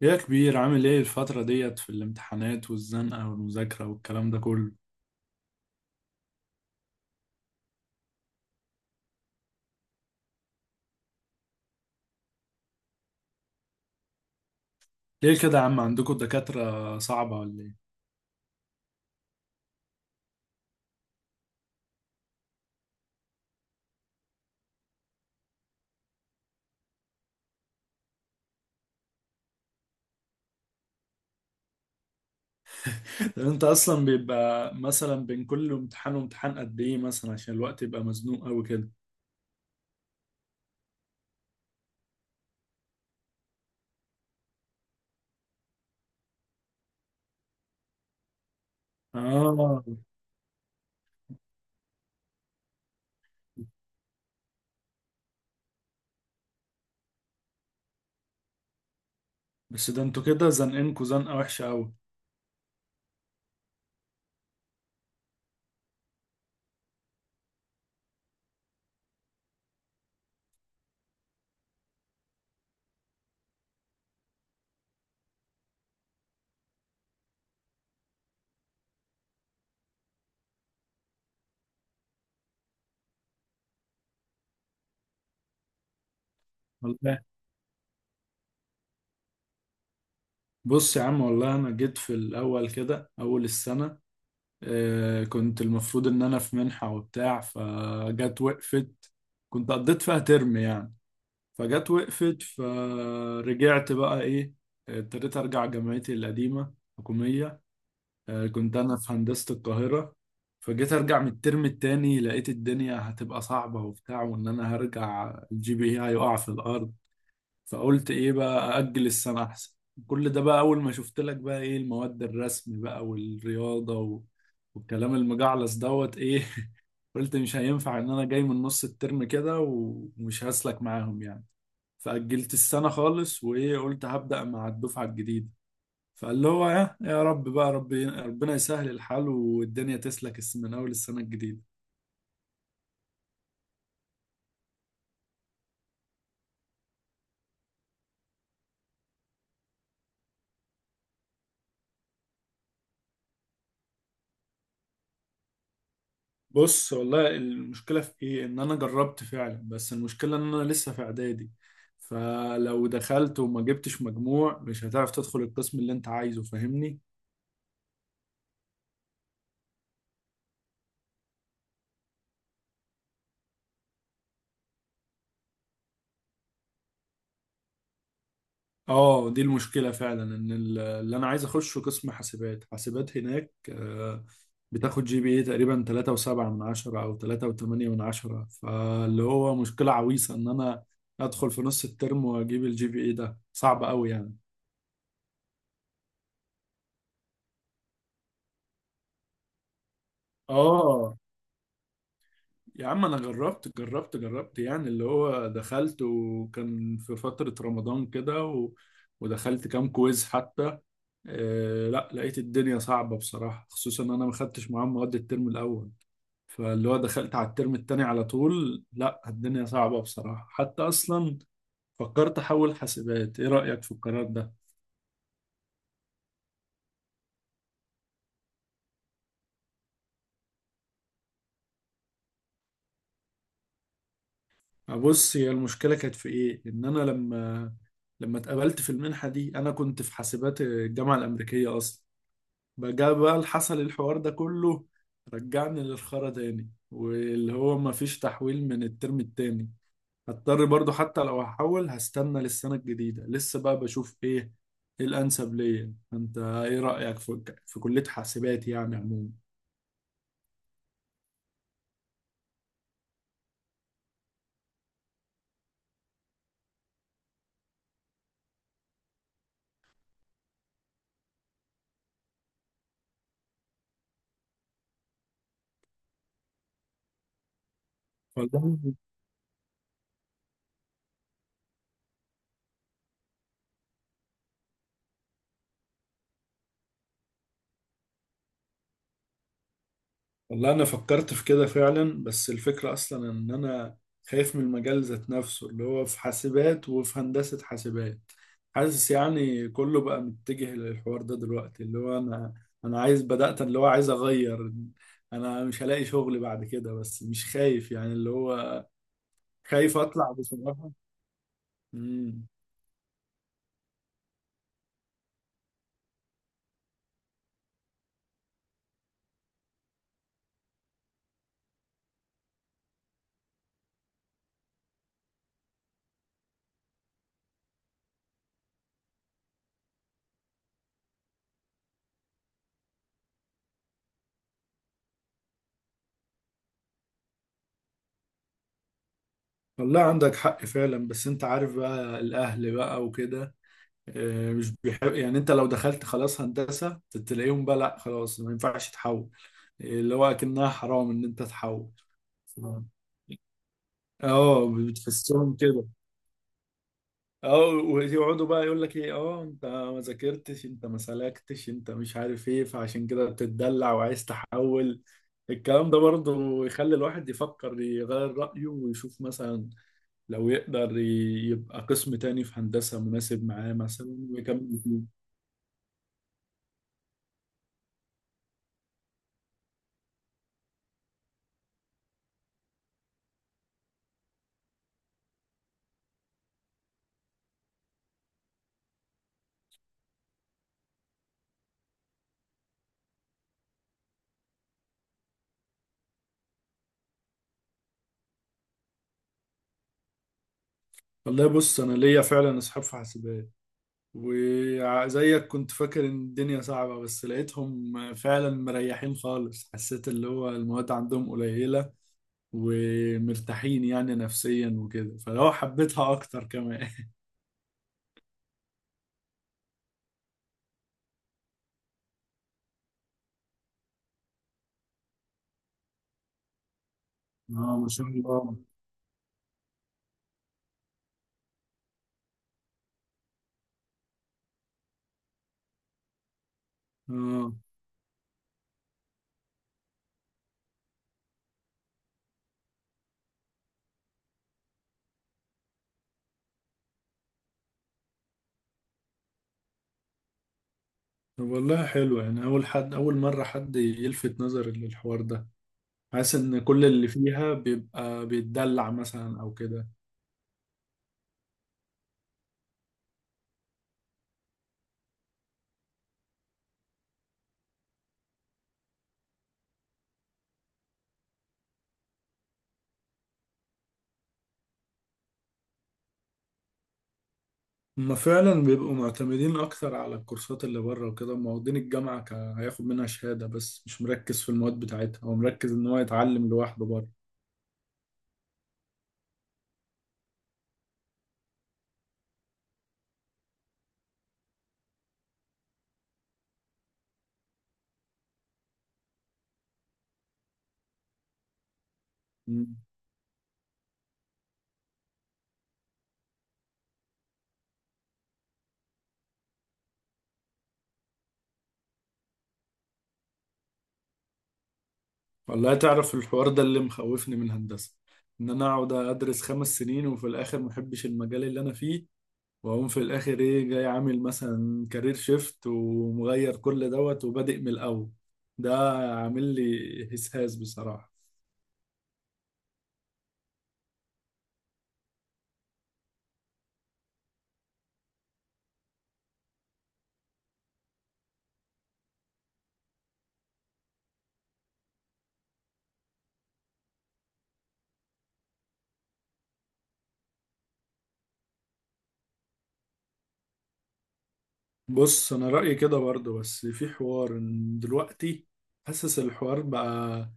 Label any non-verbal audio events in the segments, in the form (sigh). يا كبير، عامل ايه الفترة ديت في الامتحانات والزنقة والمذاكرة والكلام ده كله؟ ليه كده يا عم، عندكم دكاترة صعبة ولا ايه؟ (laughs) طب انت اصلا بيبقى مثلا بين كل امتحان وامتحان قد ايه؟ مثلا عشان الوقت يبقى مزنوق قوي كده. اه، بس ده انتوا كده زنقينكوا زنقة وحشة قوي. والله، بص يا عم، والله انا جيت في الاول كده اول السنة. كنت المفروض ان انا في منحة وبتاع، فجت وقفت. كنت قضيت فيها ترم يعني، فجت وقفت فرجعت بقى ايه، ابتديت ارجع جامعتي القديمه حكوميه. كنت انا في هندسه القاهره. فجيت ارجع من الترم التاني، لقيت الدنيا هتبقى صعبه وبتاع، وان انا هرجع الجي بي اي هيقع في الارض. فقلت ايه بقى، اجل السنه احسن. كل ده بقى اول ما شفت لك بقى ايه المواد، الرسم بقى والرياضه والكلام المجعلص دوت ايه. (laughs) قلت مش هينفع ان انا جاي من نص الترم كده ومش هسلك معاهم يعني. فأجلت السنة خالص، وإيه، قلت هبدأ مع الدفعة الجديدة. فقال له هو يا رب بقى، ربي ربنا يسهل الحال والدنيا تسلك من أول السنة الجديدة. بص والله المشكلة في إيه؟ إن أنا جربت فعلا، بس المشكلة إن أنا لسه في إعدادي. فلو دخلت وما جبتش مجموع مش هتعرف تدخل القسم اللي أنت عايزه، فاهمني؟ اه، دي المشكلة فعلا، ان اللي انا عايز اخشه قسم حاسبات. حاسبات هناك بتاخد جي بي اي تقريبا 3.7 من عشرة او 3.8 من عشرة. فاللي هو مشكلة عويصة ان انا ادخل في نص الترم واجيب الجي بي اي ده صعب قوي يعني. اه، يا عم انا جربت جربت جربت، يعني اللي هو دخلت وكان في فترة رمضان كده ودخلت كام كويز حتى. لا، لقيت الدنيا صعبة بصراحة، خصوصا ان انا ما خدتش معاهم مواد الترم الاول. فاللي هو دخلت على الترم التاني على طول، لا الدنيا صعبة بصراحة حتى. أصلا فكرت أحول حاسبات، إيه رأيك في القرار ده؟ بص، هي المشكلة كانت في إيه؟ إن أنا لما اتقبلت في المنحة دي، أنا كنت في حاسبات الجامعة الأمريكية أصلا. بقى اللي حصل الحوار ده كله رجعني للخرا تاني، واللي هو مفيش تحويل من الترم التاني. هضطر برضو حتى لو هحول هستنى للسنة الجديدة، لسه بقى بشوف ايه ايه الانسب ليا. انت ايه رأيك في كلية حاسبات يعني عموما؟ والله، والله انا فكرت في كده فعلا، بس الفكرة اصلا ان انا خايف من المجال ذات نفسه اللي هو في حاسبات وفي هندسة حاسبات. حاسس يعني كله بقى متجه للحوار ده دلوقتي، اللي هو انا عايز، بدأت اللي هو عايز اغير. انا مش هلاقي شغل بعد كده بس مش خايف يعني، اللي هو خايف اطلع بصراحة. مم. والله عندك حق فعلا، بس انت عارف بقى الاهل بقى وكده. مش بيحب، يعني انت لو دخلت خلاص هندسة تلاقيهم بقى لا، خلاص ما ينفعش تحول. اللي هو اكنها حرام ان انت تحول. اه، بتحسهم كده. اه، ويقعدوا بقى يقول لك ايه، اه انت ما ذاكرتش، انت ما سلكتش، انت مش عارف ايه، فعشان كده بتتدلع وعايز تحول. الكلام ده برضه يخلي الواحد يفكر يغير رأيه ويشوف مثلا لو يقدر يبقى قسم تاني في هندسة مناسب معاه مثلا ويكمل فيه. والله بص، أنا ليا فعلا أصحاب في حاسبات، وزيك كنت فاكر إن الدنيا صعبة، بس لقيتهم فعلا مريحين خالص. حسيت اللي هو المواد عندهم قليلة ومرتاحين يعني نفسيا وكده، فلو حبيتها أكتر كمان. اه ما شاء الله. اه، طب والله حلو، يعني أول حد، أول مرة حد يلفت نظري للحوار ده. حاسس ان كل اللي فيها بيبقى بيتدلع مثلا او كده. هما فعلا بيبقوا معتمدين اكتر على الكورسات اللي بره وكده، هما واخدين الجامعه هياخد منها شهاده بس مش مركز في المواد بتاعتها، هو مركز ان هو يتعلم لوحده بره. مم. والله تعرف الحوار ده اللي مخوفني من هندسه، ان انا اقعد ادرس 5 سنين وفي الاخر محبش المجال اللي انا فيه، واقوم في الاخر ايه، جاي عامل مثلا كارير شيفت ومغير كل دوت وبادئ من الاول. ده عامل لي هسهاس بصراحه. بص، انا رايي كده برضه، بس في حوار إن دلوقتي حاسس الحوار بقى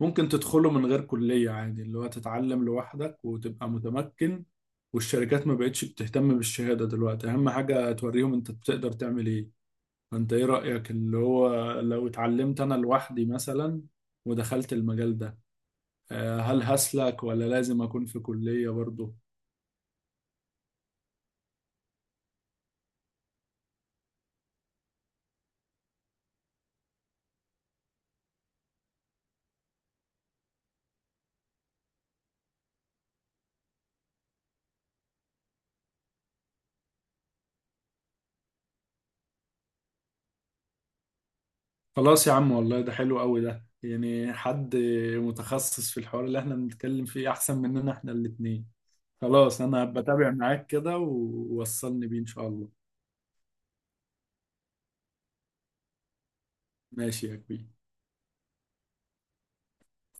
ممكن تدخله من غير كليه عادي، اللي هو تتعلم لوحدك وتبقى متمكن. والشركات ما بقتش بتهتم بالشهاده دلوقتي، اهم حاجه توريهم انت بتقدر تعمل ايه. فانت ايه رايك اللي هو لو اتعلمت انا لوحدي مثلا ودخلت المجال ده، هل هسلك ولا لازم اكون في كليه برضه؟ خلاص يا عم، والله ده حلو قوي، ده يعني حد متخصص في الحوار اللي احنا بنتكلم فيه احسن مننا احنا الاتنين. خلاص انا بتابع معاك كده، ووصلني بيه ان شاء الله. ماشي يا كبير.